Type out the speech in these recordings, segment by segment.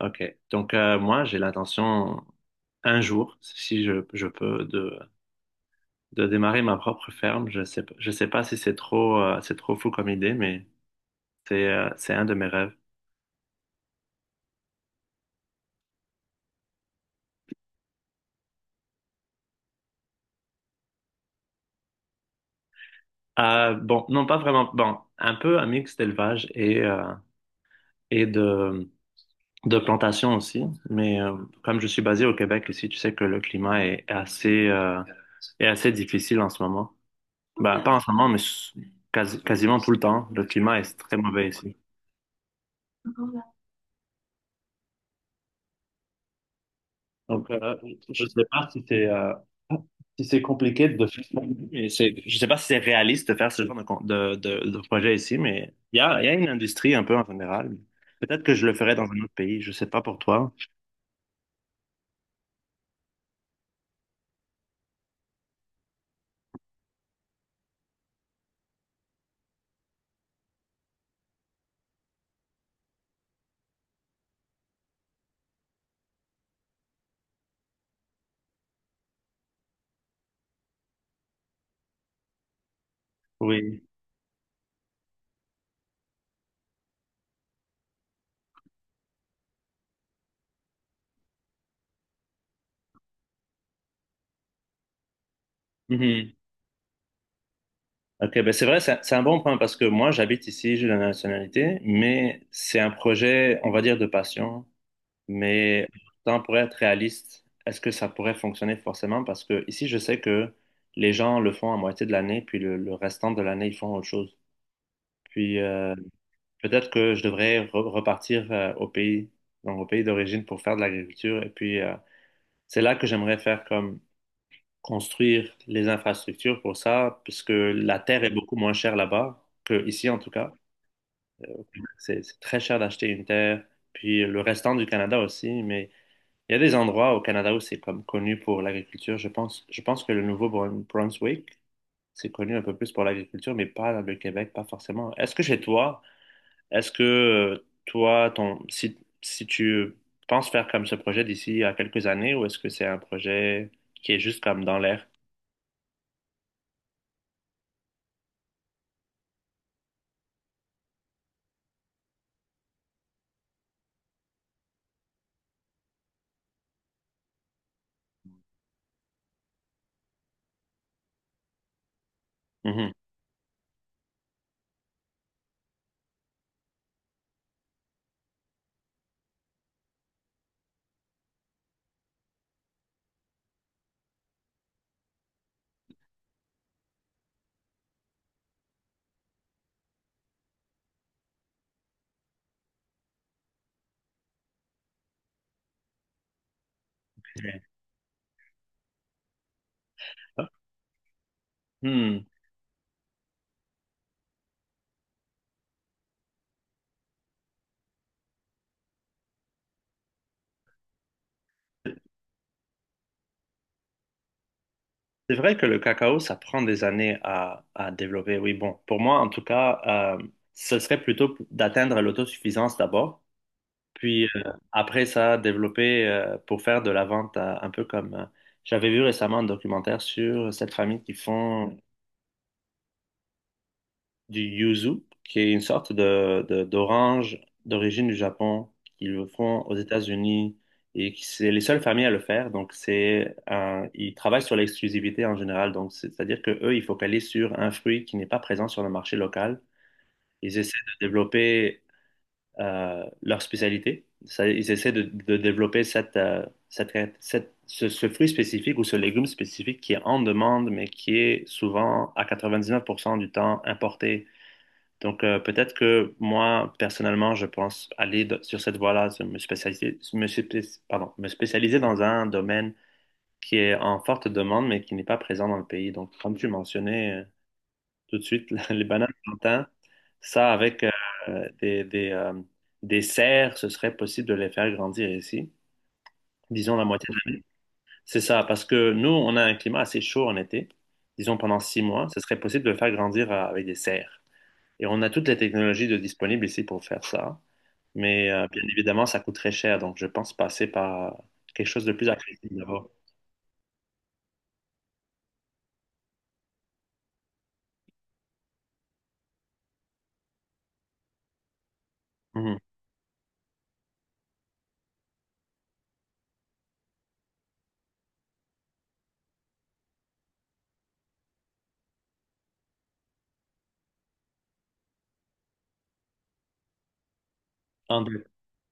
Ok. Donc, moi, j'ai l'intention, un jour, si je peux, de démarrer ma propre ferme. Je sais pas si c'est trop, c'est trop fou comme idée, mais c'est un de mes rêves. Ah bon, non, pas vraiment. Bon, un peu un mix d'élevage et, et de, de plantation aussi. Mais comme je suis basé au Québec ici, tu sais que le climat est assez difficile en ce moment. Bah, pas en ce moment, quasiment tout le temps. Le climat est très mauvais ici. Donc, je ne sais pas si c'est si c'est compliqué de faire ça. Je ne sais pas si c'est réaliste de faire ce genre de projet ici, mais il y a une industrie un peu en général. Peut-être que je le ferais dans un autre pays, je ne sais pas pour toi. Oui. Mhm. Ok, ben c'est vrai, c'est un bon point parce que moi, j'habite ici, j'ai la nationalité, mais c'est un projet, on va dire, de passion. Mais tant pour être réaliste, est-ce que ça pourrait fonctionner forcément? Parce que ici, je sais que les gens le font à moitié de l'année, puis le restant de l'année, ils font autre chose. Puis peut-être que je devrais repartir au pays, donc au pays d'origine pour faire de l'agriculture. Et puis c'est là que j'aimerais faire comme construire les infrastructures pour ça, puisque la terre est beaucoup moins chère là-bas que ici en tout cas. C'est très cher d'acheter une terre, puis le restant du Canada aussi, mais il y a des endroits au Canada où c'est comme connu pour l'agriculture. Je pense que le Nouveau-Brunswick, c'est connu un peu plus pour l'agriculture, mais pas le Québec, pas forcément. Est-ce que chez toi, est-ce que toi, ton, si, si tu penses faire comme ce projet d'ici à quelques années, ou est-ce que c'est un projet qui est juste comme dans l'air? Mhm. Hmm. C'est vrai que le cacao, ça prend des années à développer. Oui, bon, pour moi, en tout cas, ce serait plutôt d'atteindre l'autosuffisance d'abord. Puis après ça, développer pour faire de la vente un peu comme j'avais vu récemment un documentaire sur cette famille qui font du yuzu, qui est une sorte d'orange d'origine du Japon, qu'ils le font aux États-Unis et qui c'est les seules familles à le faire. Ils travaillent sur l'exclusivité en général. C'est-à-dire que eux, ils focalisent sur un fruit qui n'est pas présent sur le marché local. Ils essaient de développer leur spécialité. Ça, ils essaient de développer ce fruit spécifique ou ce légume spécifique qui est en demande, mais qui est souvent à 99% du temps importé. Donc, peut-être que moi, personnellement, je pense aller de- sur cette voie-là, me spécialiser, pardon, me spécialiser dans un domaine qui est en forte demande, mais qui n'est pas présent dans le pays. Donc, comme tu mentionnais, tout de suite. Les bananes plantains, ça avec des, des, euh, des serres, ce serait possible de les faire grandir ici. Disons la moitié de l'année. C'est ça, parce que nous, on a un climat assez chaud en été. Disons pendant 6 mois, ce serait possible de le faire grandir avec des serres. Et on a toutes les technologies de disponibles ici pour faire ça. Mais bien évidemment, ça coûte très cher. Donc, je pense passer par quelque chose de plus accessible d'abord. Mhm. En deux.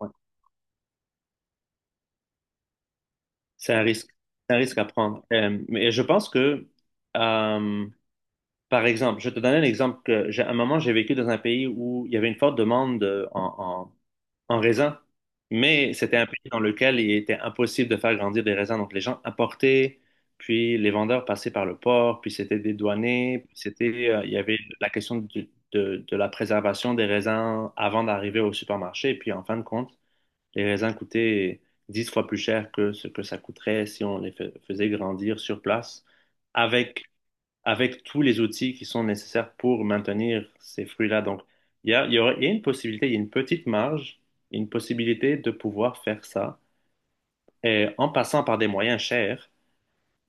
Ouais. C'est un risque. C'est un risque à prendre. Mais je pense que euh, par exemple, je vais te donne un exemple que j'ai, à un moment, j'ai vécu dans un pays où il y avait une forte demande en raisins, mais c'était un pays dans lequel il était impossible de faire grandir des raisins. Donc, les gens apportaient, puis les vendeurs passaient par le port, puis c'était dédouané, puis c'était, il y avait la question de la préservation des raisins avant d'arriver au supermarché. Et puis, en fin de compte, les raisins coûtaient 10 fois plus cher que ce que ça coûterait si on faisait grandir sur place avec tous les outils qui sont nécessaires pour maintenir ces fruits-là. Donc, il y a une possibilité, il y a une petite marge, une possibilité de pouvoir faire ça et en passant par des moyens chers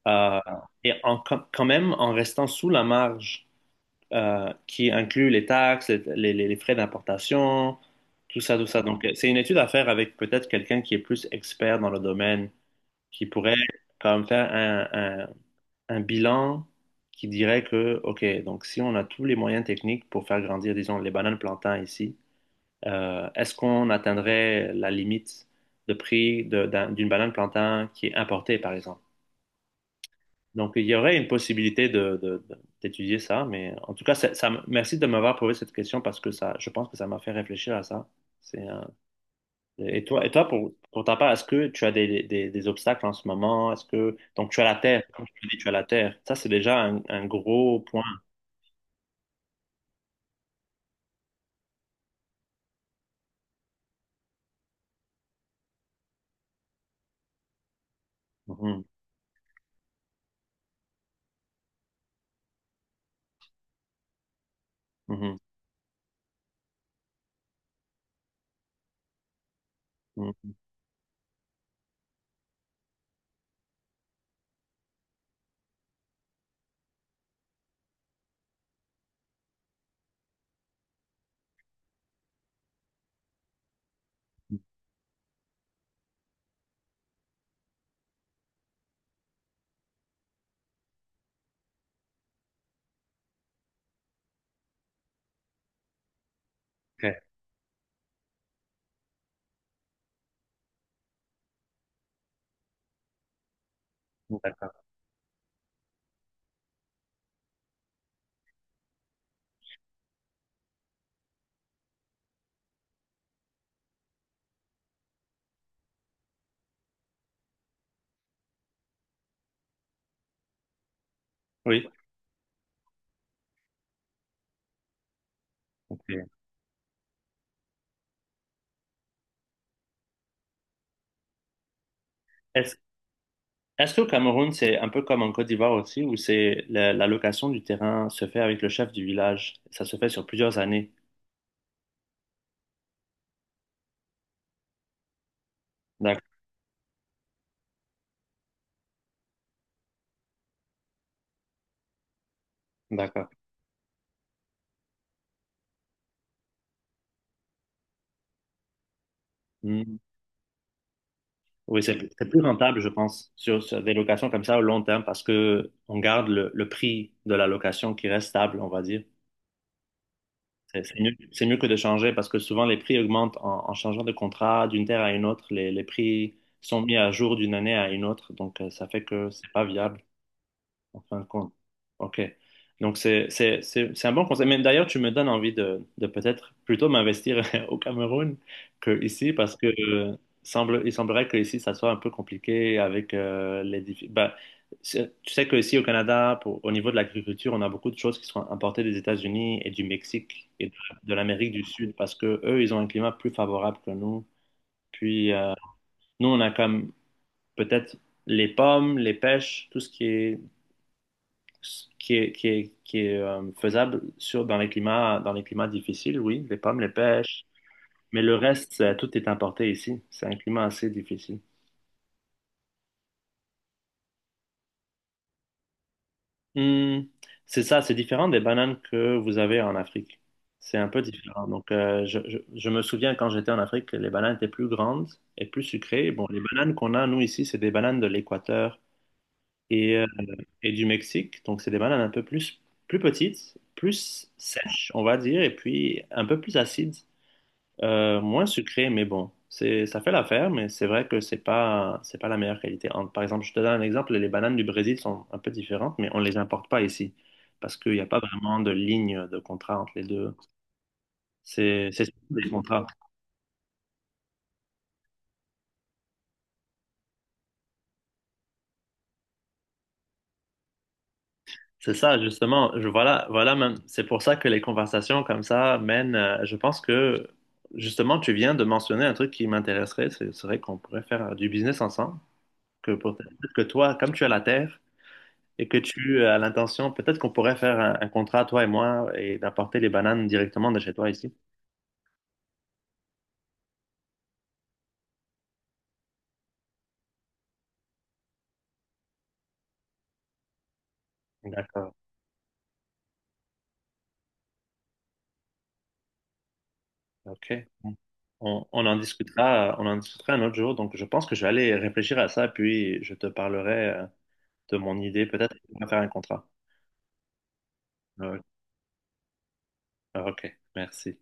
euh, et en, quand même en restant sous la marge qui inclut les taxes, frais d'importation, tout ça. Donc, c'est une étude à faire avec peut-être quelqu'un qui est plus expert dans le domaine, qui pourrait comme faire un bilan qui dirait que, ok, donc si on a tous les moyens techniques pour faire grandir, disons, les bananes plantains ici, est-ce qu'on atteindrait la limite de d'une banane plantain qui est importée, par exemple? Donc, il y aurait une possibilité d'étudier ça, mais en tout cas, merci de m'avoir posé cette question parce que ça, je pense que ça m'a fait réfléchir à ça. C'est, et toi pour ta part, est-ce que tu as des obstacles en ce moment? Est-ce que, donc, tu as la terre, comme tu dis, tu as la terre. Ça, c'est déjà un gros point. Mhm, mhm, mhm. Ok, d'accord. Oui. Ok. Est-ce Est-ce qu'au Cameroun, c'est un peu comme en Côte d'Ivoire aussi, où c'est la location du terrain se fait avec le chef du village? Ça se fait sur plusieurs années. D'ac- D'accord. Mhm. Oui, c'est plus rentable, je pense, sur des locations comme ça au long terme, parce que on garde le prix de la location qui reste stable, on va dire. C'est mieux, c'est mieux que de changer parce que souvent les prix augmentent en changeant de contrat d'une terre à une autre. Les prix sont mis à jour d'une année à une autre. Donc, ça fait que c'est pas viable en fin de compte. Ok. Donc, c'est un bon conseil. Mais d'ailleurs, tu me donnes envie de peut-être plutôt m'investir au Cameroun qu'ici parce que il semblerait que ici, ça soit un peu compliqué avec bah, tu sais qu'ici, au Canada, au niveau de l'agriculture, on a beaucoup de choses qui sont importées des États-Unis et du Mexique et de l'Amérique du Sud parce que eux, ils ont un climat plus favorable que nous. Puis, nous, on a comme peut-être les pommes, les pêches, tout ce qui est qui est faisable dans les climats difficiles, oui, les pommes, les pêches, mais le reste, tout est importé ici. C'est un climat assez difficile. Hmm, c'est ça, c'est différent des bananes que vous avez en Afrique. C'est un peu différent. Donc, je me souviens quand j'étais en Afrique, les bananes étaient plus grandes et plus sucrées. Bon, les bananes qu'on a, nous, ici, c'est des bananes de l'Équateur et, euh, et du Mexique. Donc, c'est des bananes plus petites, plus sèches, on va dire, et puis un peu plus acides. Moins sucré, mais bon, ça fait l'affaire, mais c'est vrai que c'est pas la meilleure qualité. En- par exemple, je te donne un exemple, les bananes du Brésil sont un peu différentes, mais on les importe pas ici parce qu'il n'y a pas vraiment de ligne de contrat entre les deux. C'est surtout des contrats. C'est ça, justement. Voilà, voilà, même. C'est pour ça que les conversations comme ça mènent. Je pense que justement, tu viens de mentionner un truc qui m'intéresserait, ce serait qu'on pourrait faire du business ensemble. Que pour, peut-être que toi, comme tu as la terre, et que tu as l'intention, peut-être qu'on pourrait faire un contrat, toi et moi, et d'apporter les bananes directement de chez toi ici. D'accord. Ok. On en discutera, on en discutera un autre jour. Donc, je pense que je vais aller réfléchir à ça, puis je te parlerai de mon idée. Peut-être qu'on va faire un contrat. Euh, ok. Merci.